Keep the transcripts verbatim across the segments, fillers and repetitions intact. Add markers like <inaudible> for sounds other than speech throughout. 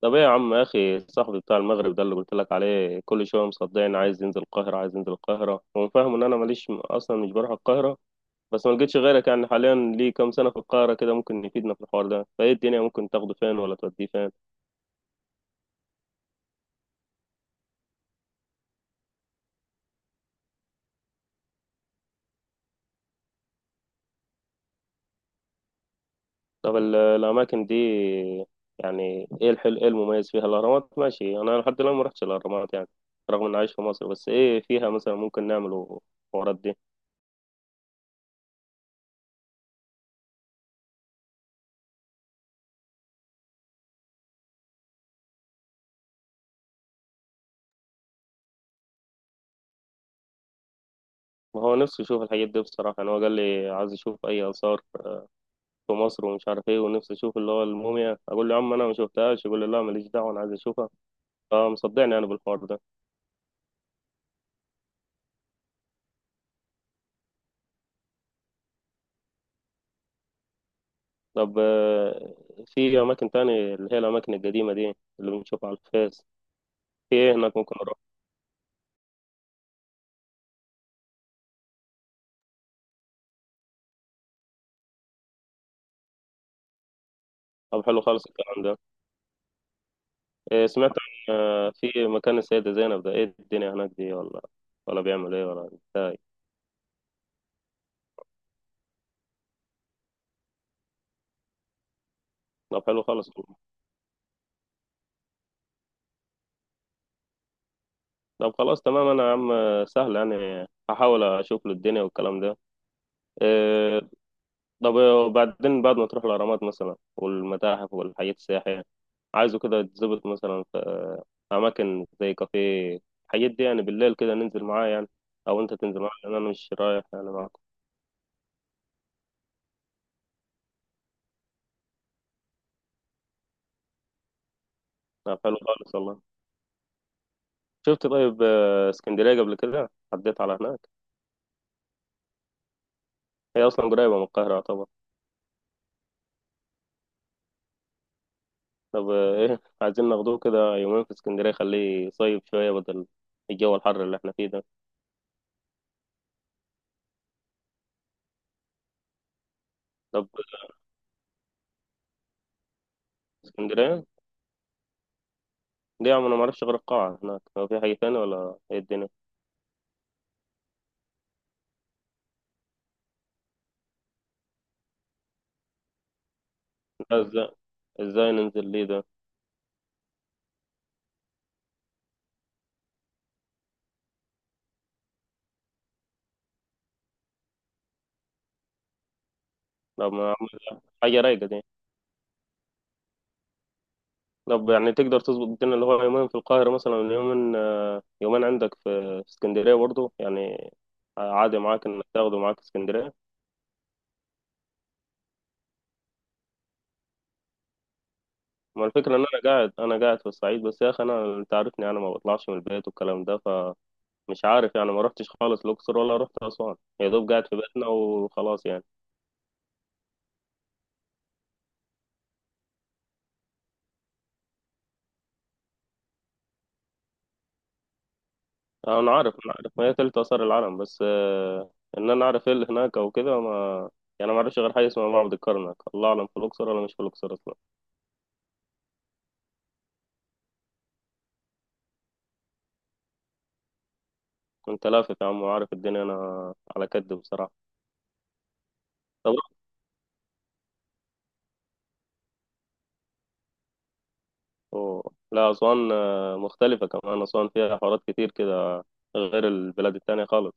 طب، ايه يا عم يا اخي؟ صاحبي بتاع المغرب ده، اللي قلت لك عليه كل شويه، مصدقني عايز ينزل القاهره، عايز ينزل القاهره. هو فاهم ان انا ماليش اصلا، مش بروح القاهره. بس ما لقيتش غيرك يعني حاليا، ليه كام سنه في القاهره كده، ممكن يفيدنا في الحوار ده. فايه الدنيا؟ ممكن تاخده فين ولا توديه فين؟ طب ال- الاماكن دي، يعني ايه الحلو، ايه المميز فيها؟ الاهرامات ماشي، انا لحد الان ما رحتش الاهرامات يعني، رغم اني عايش في مصر. بس ايه فيها مثلا ممكن نعمله الحوارات دي؟ ما هو نفسي يشوف الحاجات دي بصراحه. يعني هو قال لي عايز يشوف اي اثار في مصر ومش عارف ايه، ونفسي اشوف اللي هو الموميا. اقول له يا عم انا ما شفتهاش، يقول لي لا ماليش دعوه انا عايز اشوفها. فمصدعني انا بالحوار ده. طب آه، في اماكن تاني اللي هي الاماكن القديمه دي اللي بنشوفها على الفيس، في ايه هناك ممكن اروح؟ طب حلو خالص الكلام ده. إيه، سمعت عن آه، في مكان السيده زينب ده، ايه الدنيا هناك دي، ولا ولا بيعمل ايه، ولا ازاي؟ طب حلو خالص. طب خلاص تمام. انا يا عم آه، سهل يعني، هحاول اشوف له الدنيا والكلام ده. آه، طب وبعدين، بعد ما تروح الأهرامات مثلا والمتاحف والحاجات السياحية، عايزه كده تظبط مثلا في أماكن زي كافيه الحاجات دي يعني، بالليل كده ننزل معاه يعني، أو أنت تنزل معاه لأن أنا مش رايح يعني معاكم. طب حلو خالص والله. شفت طيب، آه، اسكندرية قبل كده عديت على هناك؟ هي أصلا قريبة من القاهرة طبعا. طب <laughs> آه، إيه، عايزين ناخدوه كده يومين في اسكندرية، خليه يصيف شوية بدل الجو الحر اللي احنا فيه ده. طب اسكندرية دي يا عم، أنا معرفش غير القاعة هناك، هو في حاجة تانية ولا إيه الدنيا؟ ازاي؟ ازاي ننزل ليه ده؟ طب ما أعمل حاجة رايقة دي. طب يعني تقدر تظبط الدنيا اللي هو يومين في القاهرة مثلا، يومين، آه، يومين عندك في في اسكندرية برضو يعني؟ عادي معاك انك تاخده معاك اسكندرية. ما الفكرة ان انا قاعد انا قاعد في الصعيد بس يا اخي، انا انت عارفني، انا ما بطلعش من البيت والكلام ده، فمش عارف يعني. ما رحتش خالص الاقصر ولا رحت اسوان، يا دوب قاعد في بيتنا وخلاص يعني. آه، انا عارف انا عارف ما هي تلت اثار العالم، بس آه، ان انا اعرف ايه اللي هناك او كده، ما يعني ما اعرفش غير حاجه اسمها معبد الكرنك. الله اعلم في الاقصر ولا مش في الاقصر اصلا. انت لافف يا عم وعارف الدنيا، انا على كد بصراحه. طب أوه. لا، اسوان آه، مختلفه كمان، اسوان فيها حوارات كتير كده غير البلاد التانية خالص.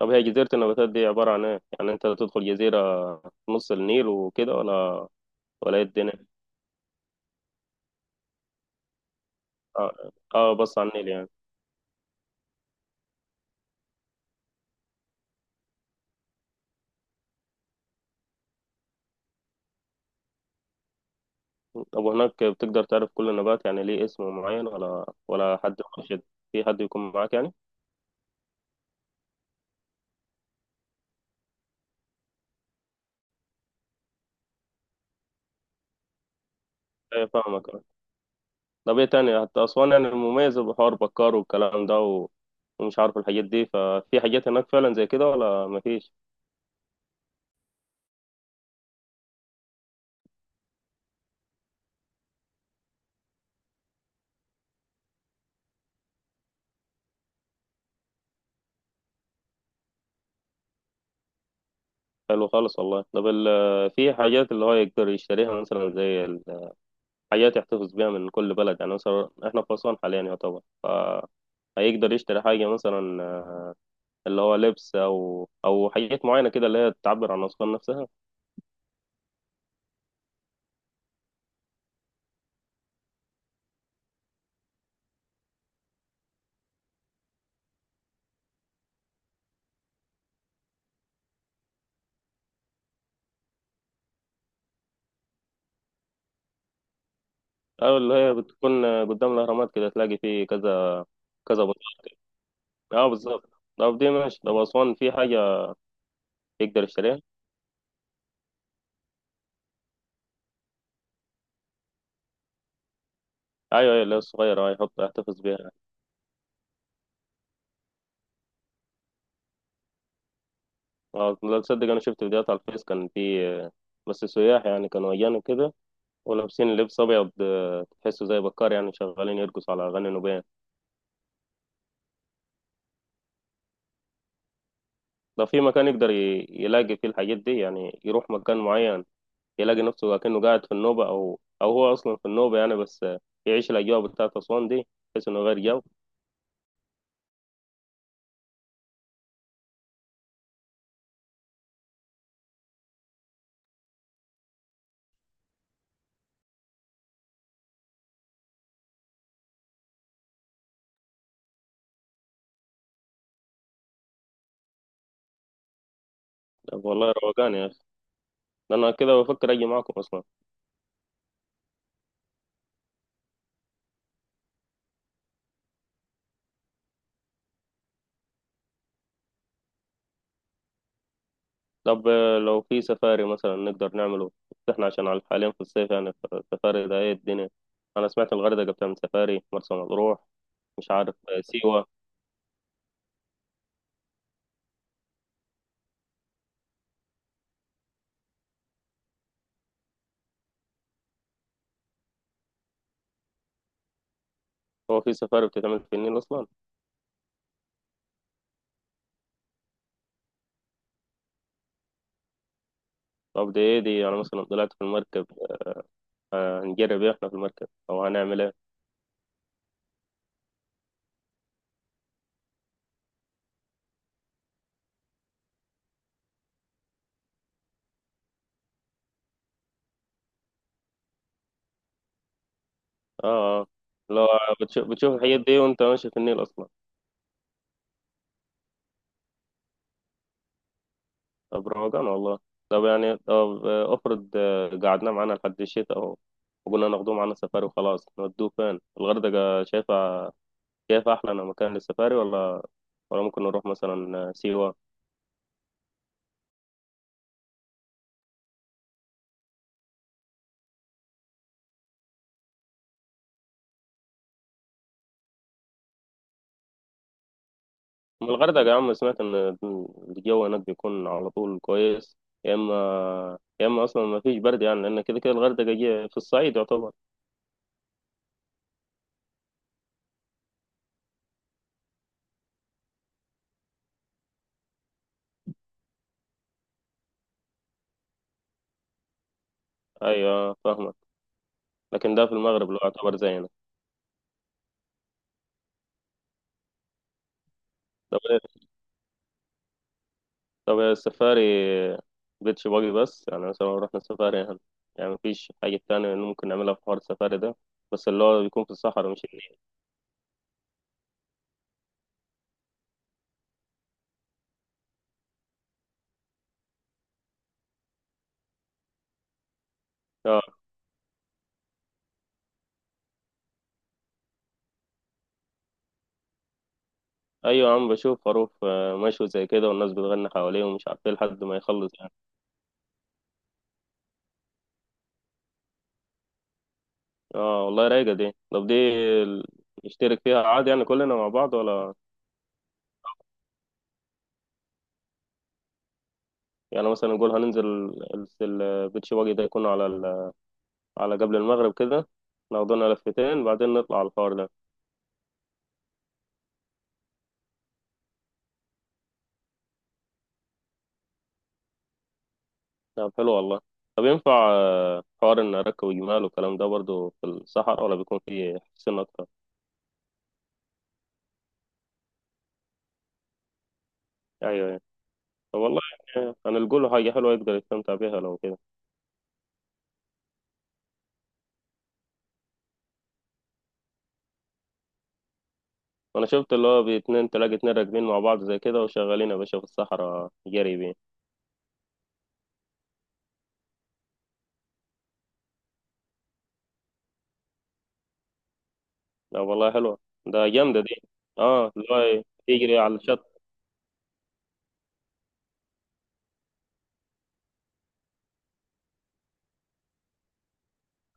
طب هي جزيره النباتات دي عباره عن ايه يعني، انت تدخل جزيره في نص النيل وكده، ولا ولا ايه الدنيا؟ اه، آه بص على النيل يعني. طب وهناك بتقدر تعرف كل النبات يعني ليه اسم معين، ولا ولا حد مرشد، في حد يكون معاك يعني؟ ايه، فاهمك آه. طب ايه تاني حتى أسوان، يعني المميزة بحوار بكار والكلام ده و... ومش عارف الحاجات دي، ففي حاجات هناك فعلا زي كده ولا مفيش؟ حلو خالص والله. طب ال... في حاجات اللي هو يقدر يشتريها مثلا، زي ال- حاجات يحتفظ بيها من كل بلد، يعني مثلا احنا في أسوان حاليا يعتبر، فهيقدر يشتري حاجة مثلا اللي هو لبس، أو أو حاجات معينة كده اللي هي تعبر عن أسوان نفسها. أيوة، اللي هي بتكون قدام الأهرامات كده تلاقي فيه كذا كذا بندق. أه بالظبط. طب دي ماشي. طب أسوان في حاجة يقدر يشتريها؟ أيوة أيوة، اللي هي الصغيرة أه، يحط يحتفظ بيها يعني. أه، لا تصدق، أنا شفت فيديوهات على الفيس، كان في آه، بس سياح يعني كانوا أجانب كده، ولابسين لبس أبيض، آه، تحسه زي بكار، يعني شغالين يرقصوا على أغاني نوبية. لو في مكان يقدر ي- يلاقي فيه الحاجات دي يعني، يروح مكان معين يلاقي نفسه كأنه قاعد في النوبة، أو أو هو أصلا في النوبة يعني، بس آه، يعيش الأجواء بتاعت أسوان دي، بحيث إنه غير جو. طب والله روقان يا أخي، ده أنا كده بفكر أجي معاكم أصلا. طب آه، لو في سفاري مثلا نقدر نعمله، إحنا عشان على حاليا في الصيف يعني، السفاري ده إيه الدنيا؟ أنا سمعت الغردقة بتعمل سفاري، مرسى مطروح، مش عارف آه، سيوة. هو في سفاري بتتعمل في النيل أصلا؟ طب دي إيه دي؟ أنا مثلا طلعت في المركب، آه، آه، هنجرب إيه إحنا في المركب، أو هنعمل إيه؟ آه آه. لو بتشوف بتشوف الحاجات دي وأنت ماشي في النيل أصلا؟ طب روقان والله. طب يعني، طب آه، افرض آه، قعدنا معانا لحد الشتاء اهو، وقلنا ناخدوه معانا سفاري وخلاص، نودوه فين؟ الغردقة شايفة شايفة أحلى مكان للسفاري، ولا ولا ممكن نروح مثلا آه، سيوة؟ من الغردقة يا عم، سمعت إن الجو هناك بيكون على طول كويس، يا إما يا إما أصلا ما فيش برد يعني، لأن كده كده الغردقة جي في الصعيد يعتبر. أيوة فاهمك. لكن ده في المغرب اللي هو يعتبر زينا. طب طب السفاري مبقتش باجي، بس يعني مثلا لو رحنا سفاري هن- يعني مفيش حاجة تانية إنه ممكن نعملها في حوار السفاري ده، بس اللي هو بيكون في الصحراء مش النيل؟ اه. أيوة يا عم، بشوف خروف آه، مشوي زي كده، والناس بتغني حواليه ومش عارف ايه لحد ما يخلص يعني. اه والله رايقة دي. طب دي، ال- نشترك فيها عادي يعني كلنا مع بعض ولا؟ يعني مثلا نقول هننزل ال- ال- البيتش باجي ده، يكون على ال... على قبل المغرب كده، ناخدنا لفتين بعدين نطلع على الحوار ده. طب حلو والله. طب ينفع آه، حوار ان اركب جمال والكلام ده برضو في الصحراء، ولا بيكون فيه حسين اكتر؟ ايوه ايوه. طب والله، يعني هنلقوا له حاجه حلوه يقدر يستمتع بيها لو كده. انا شفت اللي هو باتنين، تلاقي اتنين راكبين مع بعض زي كده وشغالين يا باشا في الصحراء جري بيه. لا والله حلوه، ده جامده دي. اه، اللي هو يجري على الشط.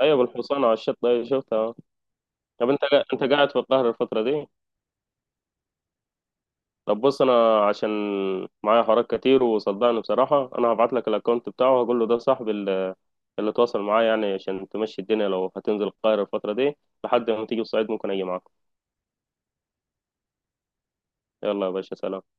ايوه، بالحصان على الشط، ايوه شفتها آه. طب انت قا- انت قاعد في القاهره الفتره دي؟ طب بص، انا عشان معايا حوارات كتير، وصدقني بصراحه انا هبعت لك الاكونت بتاعه، هقول له ده صاحبي اللي تواصل معاه يعني عشان تمشي الدنيا، لو هتنزل القاهرة الفترة دي لحد ما تيجي الصعيد، ممكن أجي معاكم. يلا يا باشا، سلام.